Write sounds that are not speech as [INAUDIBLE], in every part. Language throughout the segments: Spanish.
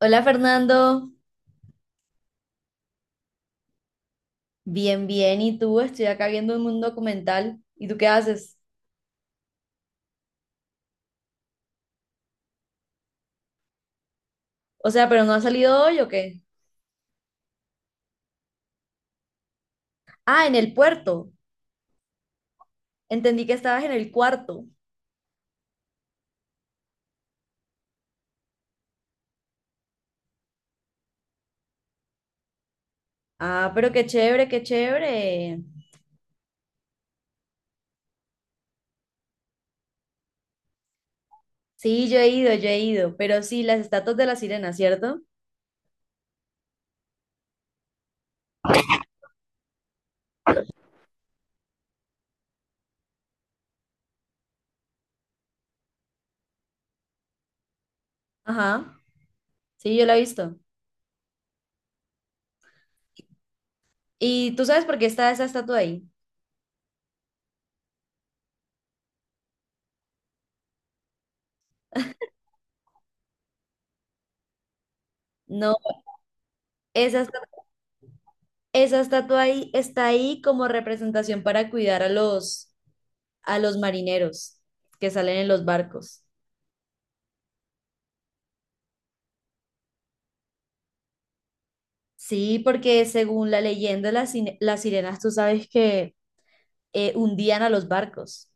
Hola Fernando, bien, bien. ¿Y tú? Estoy acá viendo un documental. ¿Y tú qué haces? O sea, ¿pero no has salido hoy o qué? Ah, en el puerto. Entendí que estabas en el cuarto. Ah, pero qué chévere, qué chévere. Sí, yo he ido, yo he ido. Pero sí, las estatuas de la sirena, ¿cierto? Ajá. Sí, yo la he visto. ¿Y tú sabes por qué está esa estatua ahí? No, esa estatua, esa estatua ahí está ahí como representación para cuidar a los marineros que salen en los barcos. Sí, porque según la leyenda, las sirenas, tú sabes que hundían a los barcos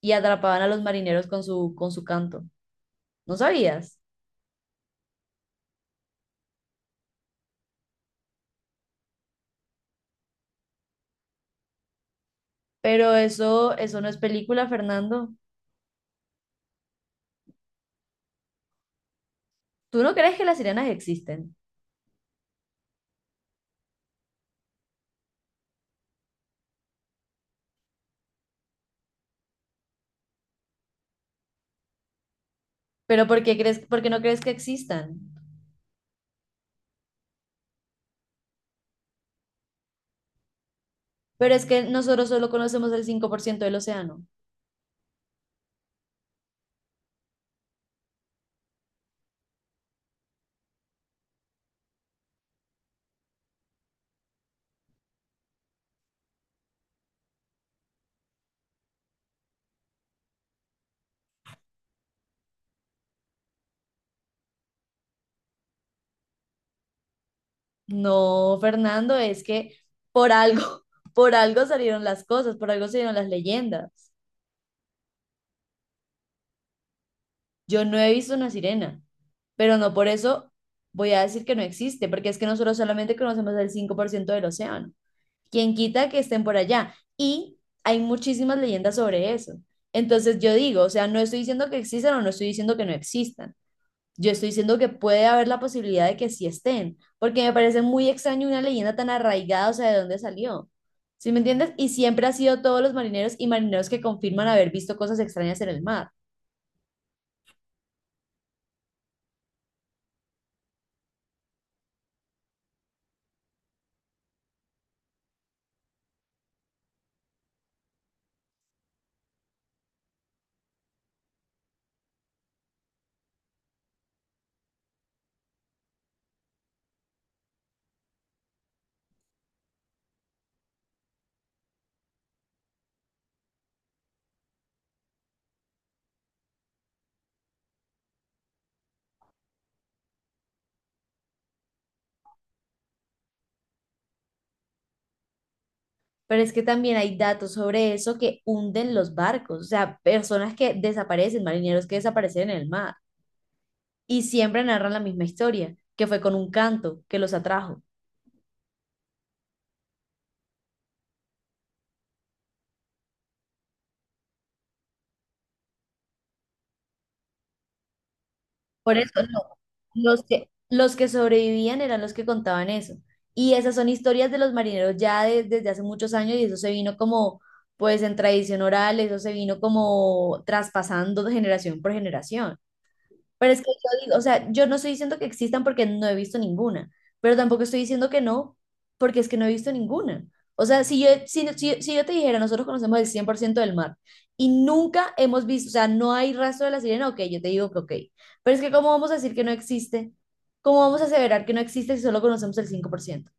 y atrapaban a los marineros con su canto. ¿No sabías? Pero eso no es película, Fernando. ¿Tú no crees que las sirenas existen? ¿Pero por qué crees, por qué no crees que existan? Pero es que nosotros solo conocemos el 5% del océano. No, Fernando, es que por algo, [LAUGHS] por algo salieron las cosas, por algo salieron las leyendas. Yo no he visto una sirena, pero no por eso voy a decir que no existe, porque es que nosotros solamente conocemos el 5% del océano. ¿Quién quita que estén por allá? Y hay muchísimas leyendas sobre eso. Entonces yo digo, o sea, no estoy diciendo que existan o no estoy diciendo que no existan. Yo estoy diciendo que puede haber la posibilidad de que sí estén, porque me parece muy extraño una leyenda tan arraigada, o sea, ¿de dónde salió? ¿Sí me entiendes? Y siempre ha sido todos los marineros y marineros que confirman haber visto cosas extrañas en el mar. Pero es que también hay datos sobre eso que hunden los barcos, o sea, personas que desaparecen, marineros que desaparecen en el mar, y siempre narran la misma historia, que fue con un canto que los atrajo. Por eso no, los que sobrevivían eran los que contaban eso. Y esas son historias de los marineros ya desde hace muchos años y eso se vino como, pues en tradición oral, eso se vino como traspasando de generación por generación. Pero es que yo digo, o sea, yo no estoy diciendo que existan porque no he visto ninguna, pero tampoco estoy diciendo que no, porque es que no he visto ninguna. O sea, si yo te dijera, nosotros conocemos el 100% del mar y nunca hemos visto, o sea, no hay rastro de la sirena, ok, yo te digo que ok. Pero es que ¿cómo vamos a decir que no existe? ¿Cómo vamos a aseverar que no existe si solo conocemos el 5%?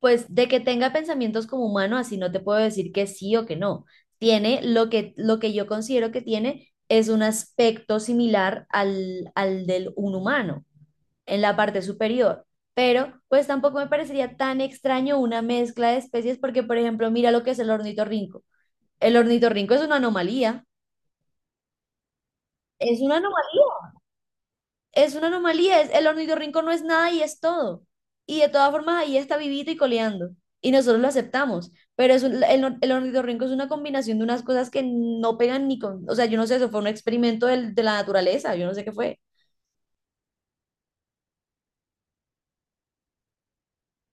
Pues de que tenga pensamientos como humano, así no te puedo decir que sí o que no. Tiene lo que yo considero que tiene es un aspecto similar al del un humano en la parte superior. Pero pues tampoco me parecería tan extraño una mezcla de especies porque, por ejemplo, mira lo que es el ornitorrinco. El ornitorrinco es una anomalía. Es una anomalía. Es una anomalía, el ornitorrinco no es nada y es todo. Y de todas formas ahí está vivito y coleando. Y nosotros lo aceptamos. Pero es un- el, or- el ornitorrinco es una combinación de unas cosas que no pegan ni con. O sea, yo no sé, eso fue un experimento de la naturaleza, yo no sé qué fue.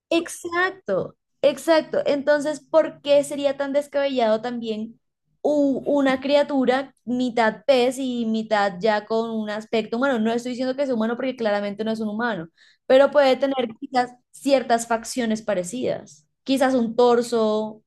Exacto, exacto. Entonces, ¿por qué sería tan descabellado también una criatura mitad pez y mitad ya con un aspecto humano? No estoy diciendo que sea humano porque claramente no es un humano, pero puede tener quizás ciertas facciones parecidas, quizás un torso.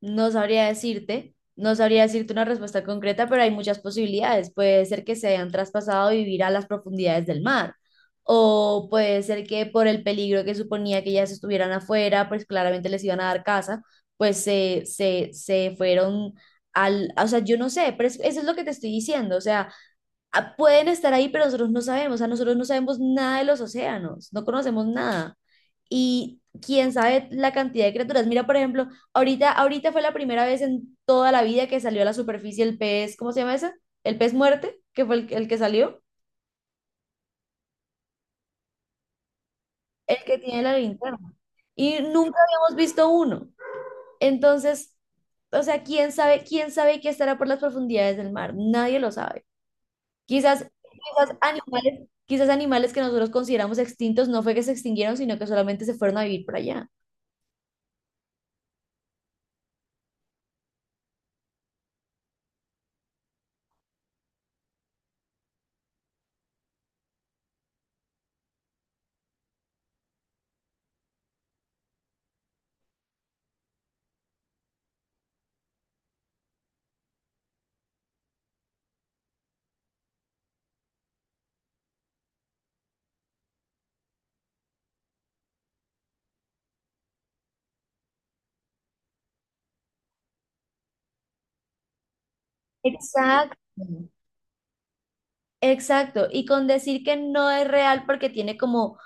No sabría decirte una respuesta concreta, pero hay muchas posibilidades. Puede ser que se hayan traspasado a vivir a las profundidades del mar, o puede ser que por el peligro que suponía que ellas estuvieran afuera, pues claramente les iban a dar casa, pues se fueron o sea, yo no sé, pero eso es lo que te estoy diciendo, o sea, pueden estar ahí, pero nosotros no sabemos, o sea, nosotros no sabemos nada de los océanos, no conocemos nada. Y quién sabe la cantidad de criaturas. Mira, por ejemplo, ahorita fue la primera vez en toda la vida que salió a la superficie el pez, ¿cómo se llama ese? El pez muerte, que fue el que salió, el que tiene la linterna. Y nunca habíamos visto uno. Entonces, o sea, quién sabe qué estará por las profundidades del mar. Nadie lo sabe. Quizás, quizás animales que nosotros consideramos extintos no fue que se extinguieron, sino que solamente se fueron a vivir por allá. Exacto. Exacto, y con decir que no es real porque tiene como,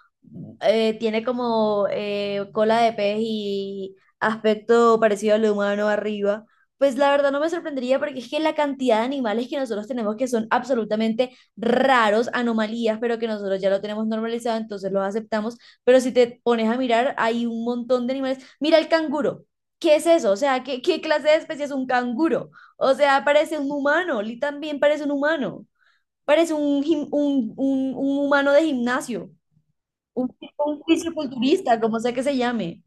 eh, tiene como eh, cola de pez y aspecto parecido al humano arriba, pues la verdad no me sorprendería porque es que la cantidad de animales que nosotros tenemos que son absolutamente raros, anomalías, pero que nosotros ya lo tenemos normalizado, entonces los aceptamos, pero si te pones a mirar, hay un montón de animales. Mira el canguro, ¿qué es eso? O sea, ¿qué clase de especie es un canguro? O sea, parece un humano, Lee también parece un humano. Parece un humano de gimnasio, un, un fisiculturista, como sea que se llame.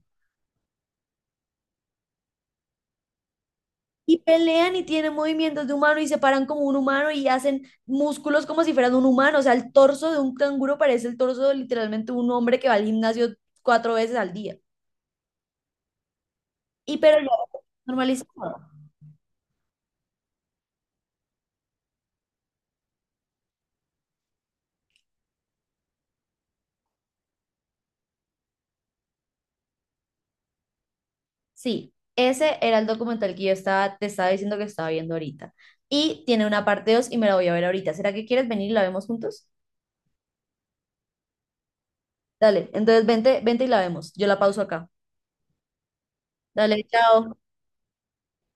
Y pelean y tienen movimientos de humano y se paran como un humano y hacen músculos como si fueran un humano. O sea, el torso de un canguro parece el torso de literalmente un hombre que va al gimnasio cuatro veces al día. Y pero ya normalizado. Sí, ese era el documental que te estaba diciendo que estaba viendo ahorita. Y tiene una parte 2 y me la voy a ver ahorita. ¿Será que quieres venir y la vemos juntos? Dale, entonces vente, vente y la vemos. Yo la pauso acá. Dale, chao.